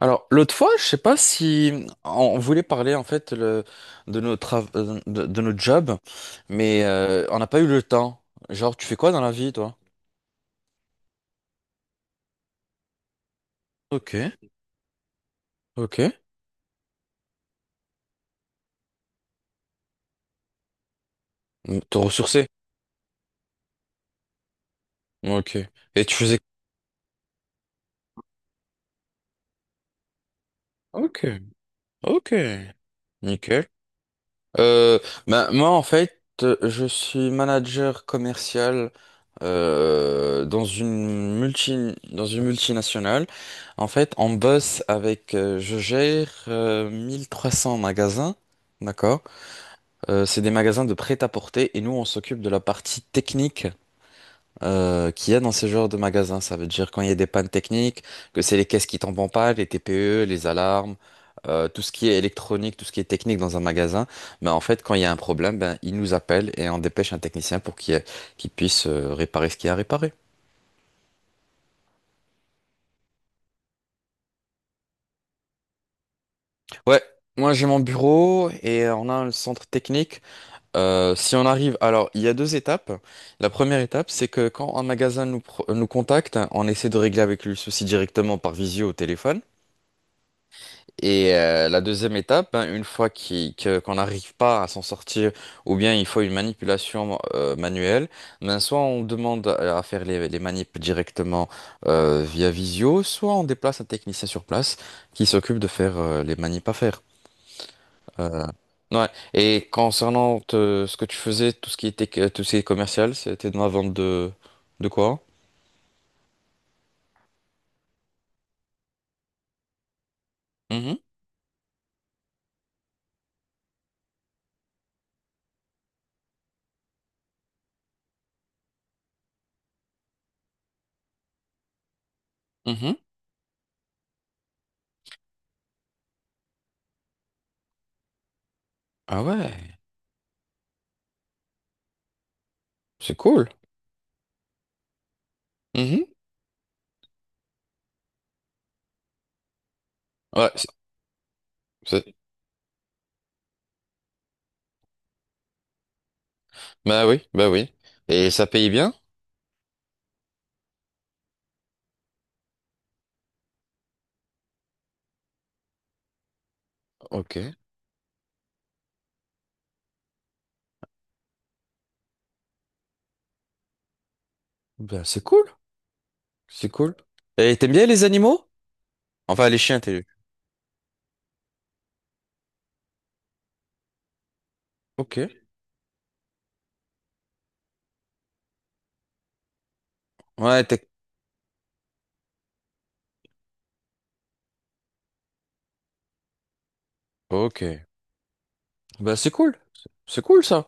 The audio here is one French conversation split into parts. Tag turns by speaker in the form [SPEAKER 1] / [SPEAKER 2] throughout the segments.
[SPEAKER 1] Alors, l'autre fois, je sais pas si on voulait parler en fait de nos jobs, mais on n'a pas eu le temps. Genre, tu fais quoi dans la vie, toi? Ok, ok. Te ressourcer. Ok. Et tu faisais. Ok, ok. Nickel. Euh, ben, moi, en fait, je suis manager commercial dans dans une multinationale. En fait, on bosse avec, je gère 1 300 magasins, d'accord? C'est des magasins de prêt-à-porter et nous, on s'occupe de la partie technique qu'il y a dans ce genre de magasin. Ça veut dire quand il y a des pannes techniques, que c'est les caisses qui tombent en panne, les TPE, les alarmes, tout ce qui est électronique, tout ce qui est technique dans un magasin. Mais en fait, quand il y a un problème, ben, ils nous appellent et on dépêche un technicien pour qu'il puisse réparer ce qu'il y a à réparer. Ouais. Moi, j'ai mon bureau et on a un centre technique. Si on arrive, alors il y a deux étapes. La première étape, c'est que quand un magasin nous contacte, on essaie de régler avec lui le souci directement par visio au téléphone. Et la deuxième étape, hein, une fois qu'on n'arrive pas à s'en sortir, ou bien il faut une manipulation manuelle, ben soit on demande à faire les manips directement via visio, soit on déplace un technicien sur place qui s'occupe de faire les manips à faire. Euh, ouais. Et concernant ce que tu faisais, tout ce qui était tout ce qui est commercial, c'était dans la vente de quoi? Mhm, mhm. Ah ouais, c'est cool. Mhm. Ouais, c'est- bah oui, bah oui. Et ça paye bien? Ok. Ben, c'est cool. C'est cool. Et t'aimes bien les animaux? Enfin, les chiens, t'es. Ok. Ouais, t'es. Ok. Ben, c'est cool. C'est cool, ça.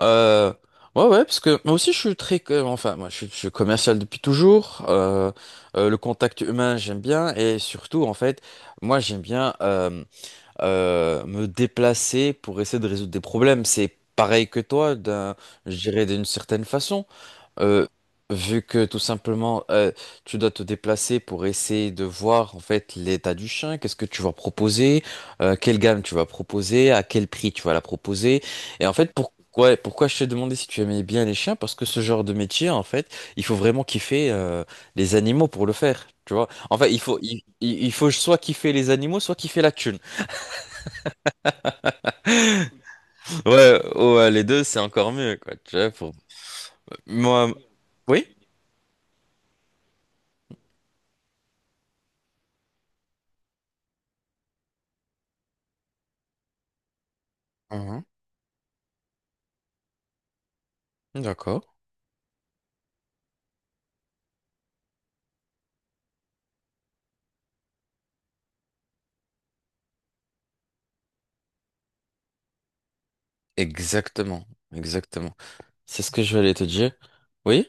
[SPEAKER 1] Euh, ouais, ouais, parce que moi aussi, je suis très, enfin, moi, je suis commercial depuis toujours. Le contact humain, j'aime bien. Et surtout, en fait, moi, j'aime bien me déplacer pour essayer de résoudre des problèmes. C'est pareil que toi, je dirais d'une certaine façon. Euh, Vu que tout simplement tu dois te déplacer pour essayer de voir en fait l'état du chien, qu'est-ce que tu vas proposer, quelle gamme tu vas proposer, à quel prix tu vas la proposer. Et en fait, pourquoi je t'ai demandé si tu aimais bien les chiens? Parce que ce genre de métier, en fait, il faut vraiment kiffer les animaux pour le faire. Tu vois, en fait, il faut soit kiffer les animaux, soit kiffer la thune. Ouais, ouais, les deux, c'est encore mieux, quoi. Tu vois, pour. Moi, oui? Mhm. D'accord. Exactement, exactement. C'est ce que je voulais te dire. Oui?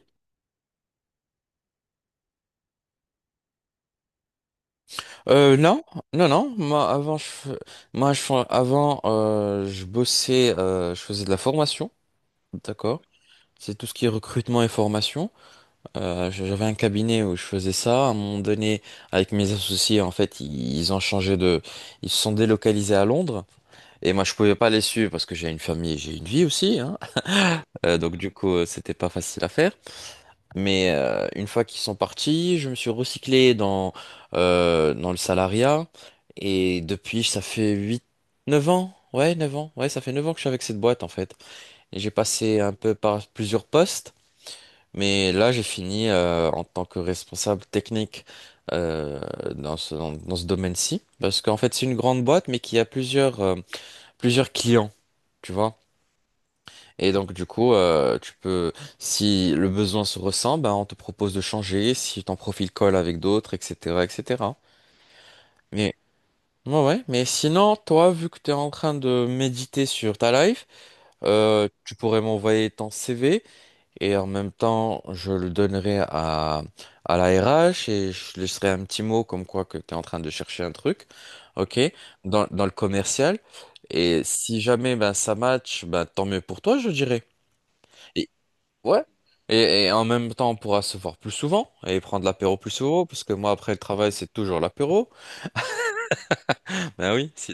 [SPEAKER 1] Non, non, non. Moi, avant, je, fais- moi, je, fais- avant, je bossais, je faisais de la formation, d'accord? C'est tout ce qui est recrutement et formation. J'avais un cabinet où je faisais ça. À un moment donné, avec mes associés, en fait, ils ont changé de, ils se sont délocalisés à Londres. Et moi, je pouvais pas les suivre parce que j'ai une famille, et j'ai une vie aussi, hein. Donc du coup, c'était pas facile à faire. Mais une fois qu'ils sont partis, je me suis recyclé dans le salariat. Et depuis, ça fait 8, 9 ans. Ouais, 9 ans. Ouais, ça fait 9 ans que je suis avec cette boîte en fait. Et j'ai passé un peu par plusieurs postes. Mais là, j'ai fini en tant que responsable technique euh, dans ce domaine-ci. Parce qu'en fait, c'est une grande boîte, mais qui a plusieurs clients. Tu vois? Et donc du coup, tu peux, si le besoin se ressent, ben, on te propose de changer, si ton profil colle avec d'autres, etc., etc. Mais ouais, ouais. Mais sinon, toi, vu que tu es en train de méditer sur ta life, tu pourrais m'envoyer ton CV et en même temps, je le donnerai à la RH et je laisserai un petit mot comme quoi que tu es en train de chercher un truc, ok, dans dans le commercial. Et si jamais ben ça match, ben tant mieux pour toi, je dirais. Et Ouais. Et en même temps, on pourra se voir plus souvent et prendre l'apéro plus souvent, parce que moi, après le travail, c'est toujours l'apéro. Ben oui, si,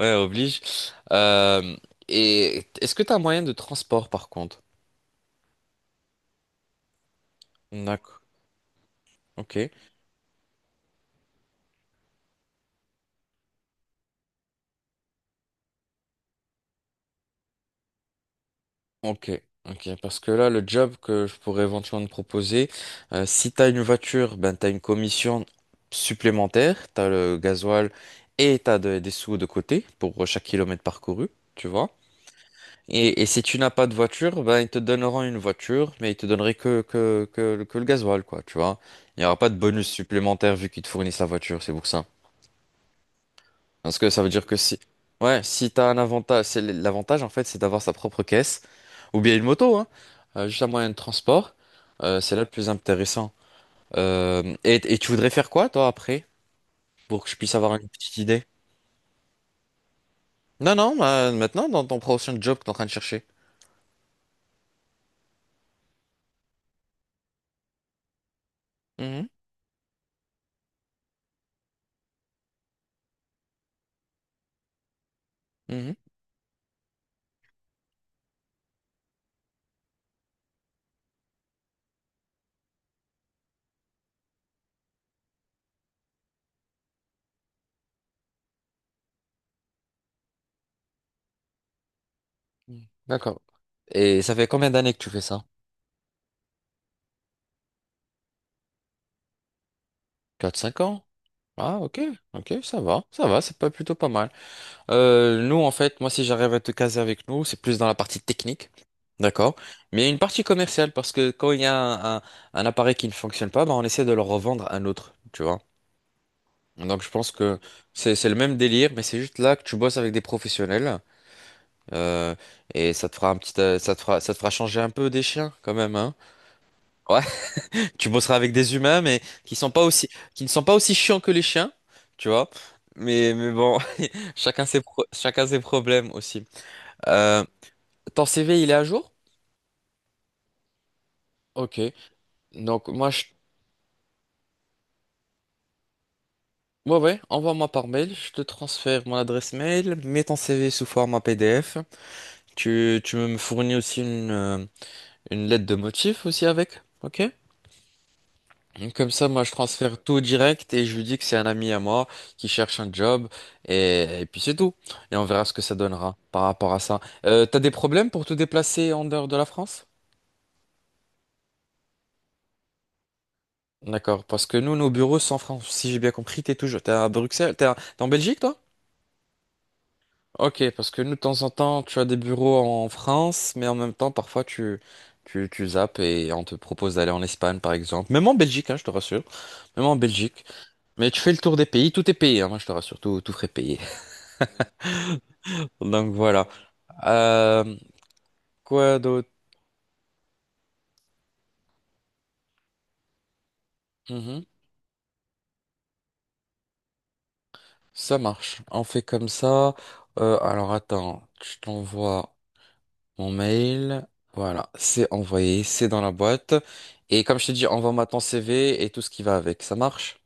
[SPEAKER 1] ouais, oblige. Euh, et est-ce que tu as un moyen de transport, par contre? D'accord. Ok. Ok. Ok. Parce que là, le job que je pourrais éventuellement te proposer, si tu as une voiture, ben, tu as une commission supplémentaire, tu as le gasoil et tu as des sous de côté pour chaque kilomètre parcouru, tu vois. Et si tu n'as pas de voiture, ben ils te donneront une voiture, mais ils te donneraient que le gasoil, quoi, tu vois. Il n'y aura pas de bonus supplémentaire vu qu'ils te fournissent la voiture, c'est pour ça. Parce que ça veut dire que si, ouais, si t'as un avantage, c'est l'avantage en fait, c'est d'avoir sa propre caisse, ou bien une moto, hein, juste un moyen de transport, c'est là le plus intéressant. Et tu voudrais faire quoi, toi, après, pour que je puisse avoir une petite idée? Non, non, bah, maintenant, dans ton prochain job que t'es en train de chercher. Mhm, mhm. Hmm. D'accord. Et ça fait combien d'années que tu fais ça? 4, 5 ans? Ah, ok, ok, ça va, c'est pas plutôt pas mal. Nous, en fait, moi, si j'arrive à te caser avec nous, c'est plus dans la partie technique, d'accord? Mais il y a une partie commerciale, parce que quand il y a un appareil qui ne fonctionne pas, bah, on essaie de le revendre à un autre, tu vois? Donc, je pense que c'est le même délire, mais c'est juste là que tu bosses avec des professionnels, euh, et ça te fera ça te fera changer un peu des chiens, quand même, hein? Ouais. Tu bosseras avec des humains, mais qui sont pas aussi, qui ne sont pas aussi chiants que les chiens, tu vois. Mais bon, chacun ses problèmes aussi. Euh, Ton CV, il est à jour? Ok. Donc, moi, je. Ouais, ouais, envoie-moi par mail. Je te transfère mon adresse mail. Mets ton CV sous format PDF. Tu me fournis aussi une lettre de motif aussi avec. Ok? Comme ça, moi, je transfère tout direct et je lui dis que c'est un ami à moi qui cherche un job et puis c'est tout. Et on verra ce que ça donnera par rapport à ça. T'as des problèmes pour te déplacer en dehors de la France? D'accord, parce que nous, nos bureaux sont en France. Si j'ai bien compris, t'es toujours, t'es à Bruxelles, t'es en Belgique, toi? Ok, parce que nous, de temps en temps, tu as des bureaux en France, mais en même temps, parfois, tu zappes et on te propose d'aller en Espagne, par exemple. Même en Belgique, hein, je te rassure. Même en Belgique. Mais tu fais le tour des pays, tout est payé, hein, moi, je te rassure, tout frais payé. Donc voilà. Euh, quoi d'autre? Mhm. Ça marche. On fait comme ça. Alors attends, je t'envoie mon mail. Voilà, c'est envoyé, c'est dans la boîte. Et comme je t'ai dit, envoie-moi ton CV et tout ce qui va avec. Ça marche?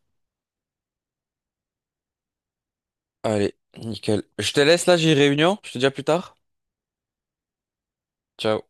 [SPEAKER 1] Allez, nickel. Je te laisse là, j'ai réunion. Je te dis à plus tard. Ciao.